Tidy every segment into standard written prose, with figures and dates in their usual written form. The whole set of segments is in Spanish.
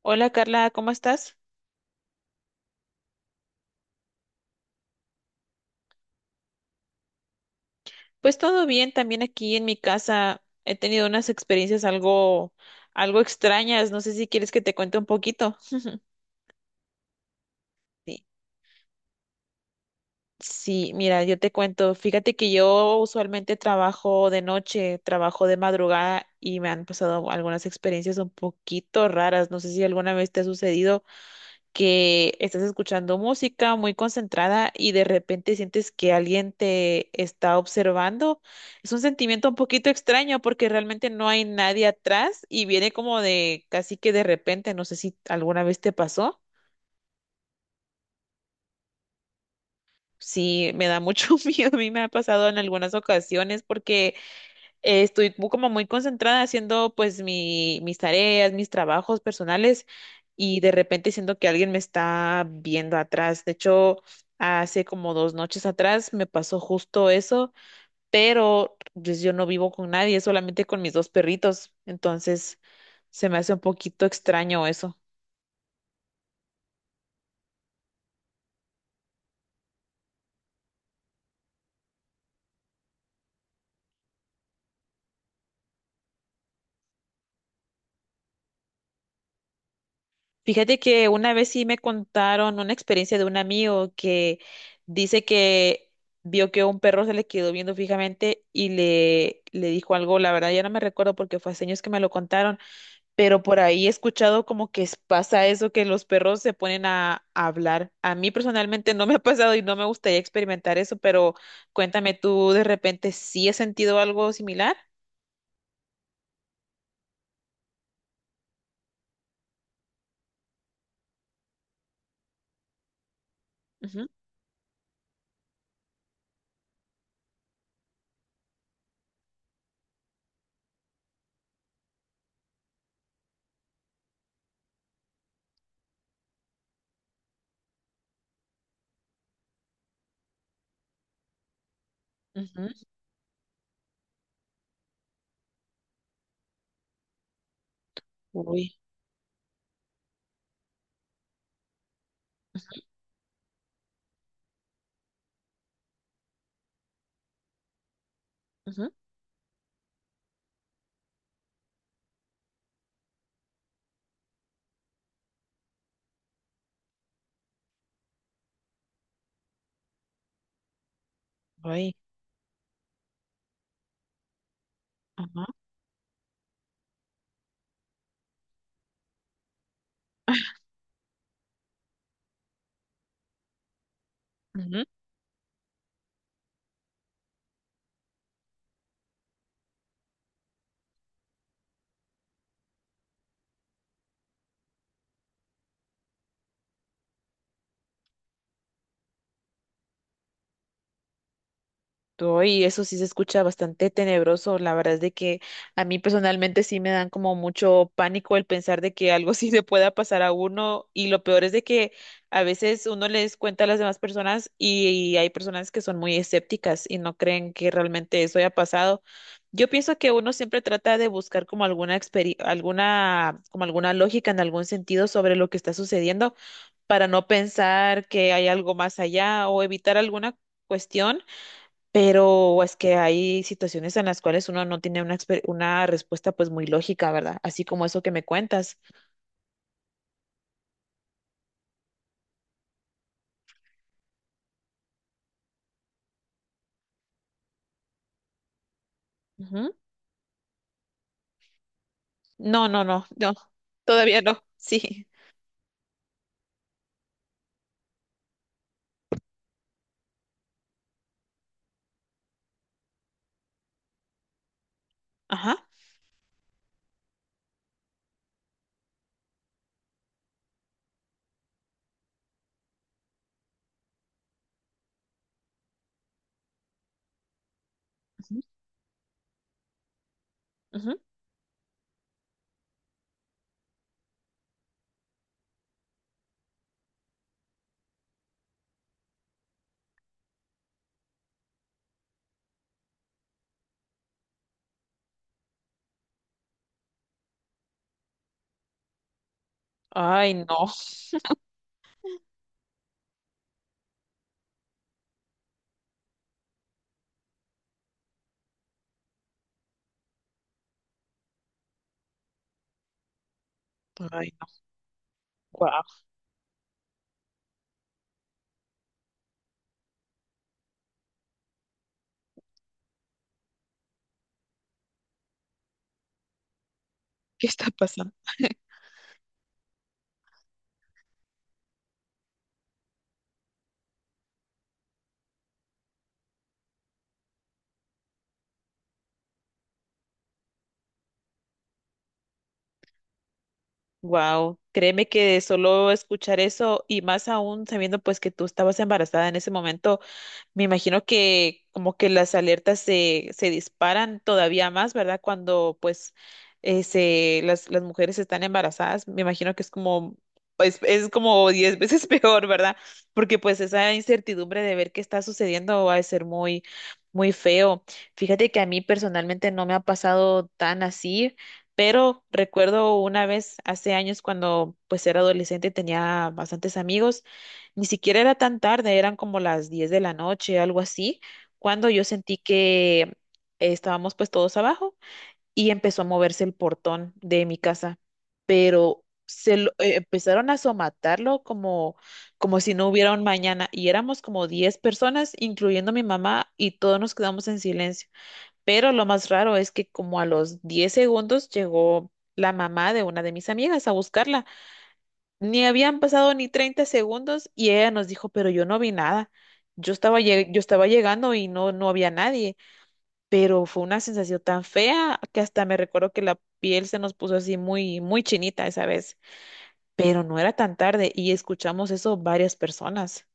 Hola Carla, ¿cómo estás? Pues todo bien, también aquí en mi casa he tenido unas experiencias algo extrañas, no sé si quieres que te cuente un poquito. Sí, sí, mira, yo te cuento, fíjate que yo usualmente trabajo de noche, trabajo de madrugada y me han pasado algunas experiencias un poquito raras, no sé si alguna vez te ha sucedido que estás escuchando música muy concentrada y de repente sientes que alguien te está observando. Es un sentimiento un poquito extraño porque realmente no hay nadie atrás y viene como de casi que de repente, no sé si alguna vez te pasó. Sí, me da mucho miedo, a mí me ha pasado en algunas ocasiones porque estoy como muy concentrada haciendo pues mis tareas, mis trabajos personales y de repente siento que alguien me está viendo atrás. De hecho, hace como dos noches atrás me pasó justo eso, pero pues, yo no vivo con nadie, solamente con mis dos perritos. Entonces se me hace un poquito extraño eso. Fíjate que una vez sí me contaron una experiencia de un amigo que dice que vio que un perro se le quedó viendo fijamente y le dijo algo, la verdad ya no me recuerdo porque fue hace años que me lo contaron, pero por ahí he escuchado como que pasa eso, que los perros se ponen a hablar. A mí personalmente no me ha pasado y no me gustaría experimentar eso, pero cuéntame tú de repente sí has sentido algo similar. Ujú, ujú. Uy, ujú, uy, ajá, ujú. Y eso sí se escucha bastante tenebroso. La verdad es de que a mí personalmente sí me dan como mucho pánico el pensar de que algo sí le pueda pasar a uno. Y lo peor es de que a veces uno les cuenta a las demás personas y hay personas que son muy escépticas y no creen que realmente eso haya pasado. Yo pienso que uno siempre trata de buscar como alguna como alguna lógica en algún sentido sobre lo que está sucediendo para no pensar que hay algo más allá o evitar alguna cuestión, pero es que hay situaciones en las cuales uno no tiene una respuesta pues muy lógica, ¿verdad? Así como eso que me cuentas. Ujú. No, no, no, no, todavía no, sí. Ajá. Ujú, ujú. Ay, no, ay, no, wow, ¿qué está pasando? Wow, créeme que solo escuchar eso y más aún sabiendo pues que tú estabas embarazada en ese momento, me imagino que como que las alertas se disparan todavía más, ¿verdad? Cuando pues las mujeres están embarazadas, me imagino que es como, pues es como 10 veces peor, ¿verdad? Porque pues esa incertidumbre de ver qué está sucediendo va a ser muy, muy feo. Fíjate que a mí personalmente no me ha pasado tan así, pero recuerdo una vez hace años cuando pues era adolescente, tenía bastantes amigos. Ni siquiera era tan tarde, eran como las 10 de la noche, algo así, cuando yo sentí que estábamos pues todos abajo y empezó a moverse el portón de mi casa, pero empezaron a somatarlo como, como si no hubiera un mañana, y éramos como 10 personas, incluyendo mi mamá, y todos nos quedamos en silencio. Pero lo más raro es que como a los 10 segundos llegó la mamá de una de mis amigas a buscarla. Ni habían pasado ni 30 segundos y ella nos dijo, pero yo no vi nada. Yo estaba, yo estaba llegando y no, no había nadie, pero fue una sensación tan fea que hasta me recuerdo que la piel se nos puso así muy, muy chinita esa vez, pero no era tan tarde y escuchamos eso varias personas.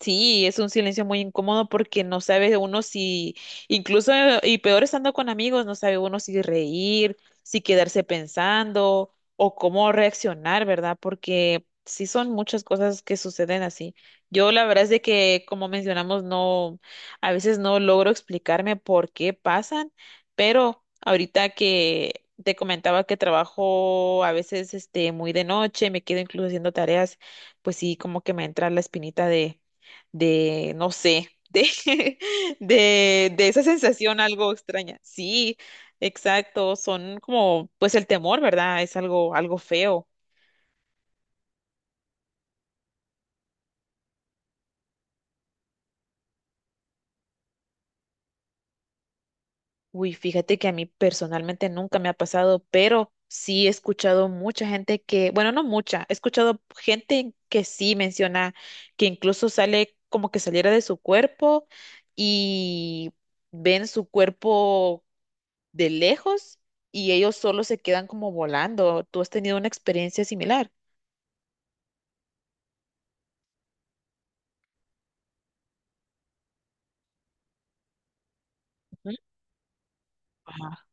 Sí, es un silencio muy incómodo porque no sabe uno si, incluso, y peor estando con amigos, no sabe uno si reír, si quedarse pensando o cómo reaccionar, ¿verdad? Porque sí son muchas cosas que suceden así. Yo la verdad es de que, como mencionamos, no, a veces no logro explicarme por qué pasan, pero ahorita que te comentaba que trabajo a veces este muy de noche, me quedo incluso haciendo tareas, pues sí, como que me entra la espinita de, no sé, de esa sensación algo extraña. Sí, exacto, son como, pues el temor, ¿verdad? Es algo, algo feo. Uy, fíjate que a mí personalmente nunca me ha pasado, pero sí he escuchado mucha gente que, bueno, no mucha, he escuchado gente que sí menciona que incluso sale como que saliera de su cuerpo y ven su cuerpo de lejos y ellos solo se quedan como volando. ¿Tú has tenido una experiencia similar? Ujú. Ajá.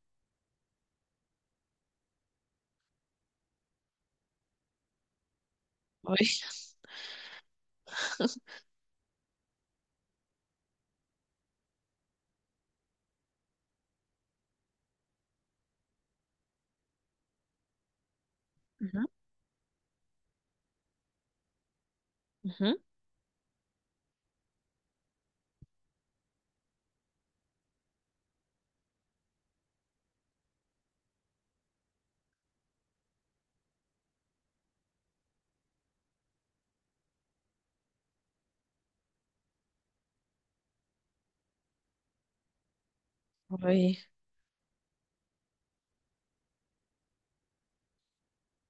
Uy. Ujú, ujú, uy,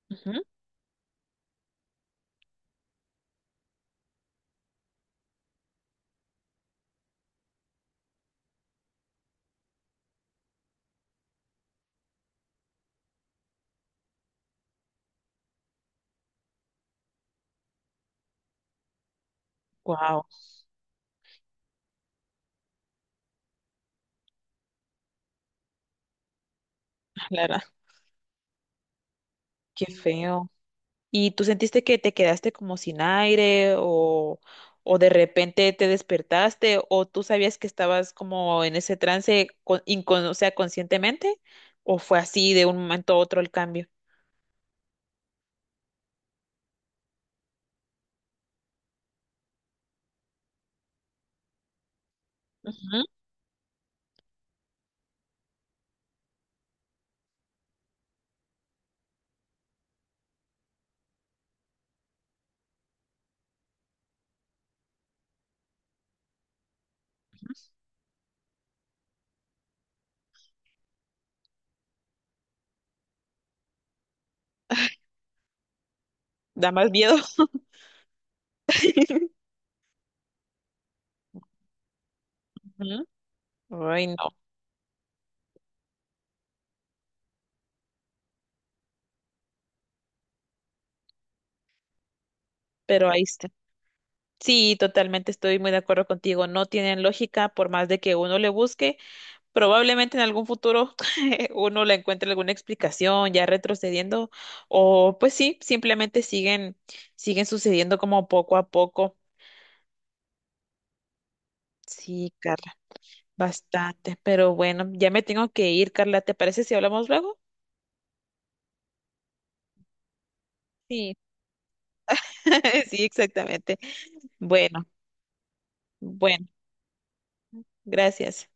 ujú. Guau, la qué feo. ¿Y tú sentiste que te quedaste como sin aire o de repente te despertaste o tú sabías que estabas como en ese trance, o sea, conscientemente? ¿O fue así de un momento a otro el cambio? Ujú. Da más miedo. Ujú. Ay, no, pero ahí está. Sí, totalmente estoy muy de acuerdo contigo. No tienen lógica por más de que uno le busque. Probablemente en algún futuro uno le encuentre alguna explicación ya retrocediendo o pues sí, simplemente siguen sucediendo como poco a poco. Sí, Carla, bastante. Pero bueno, ya me tengo que ir, Carla. ¿Te parece si hablamos luego? Sí, sí, exactamente. Bueno, bueno, gracias.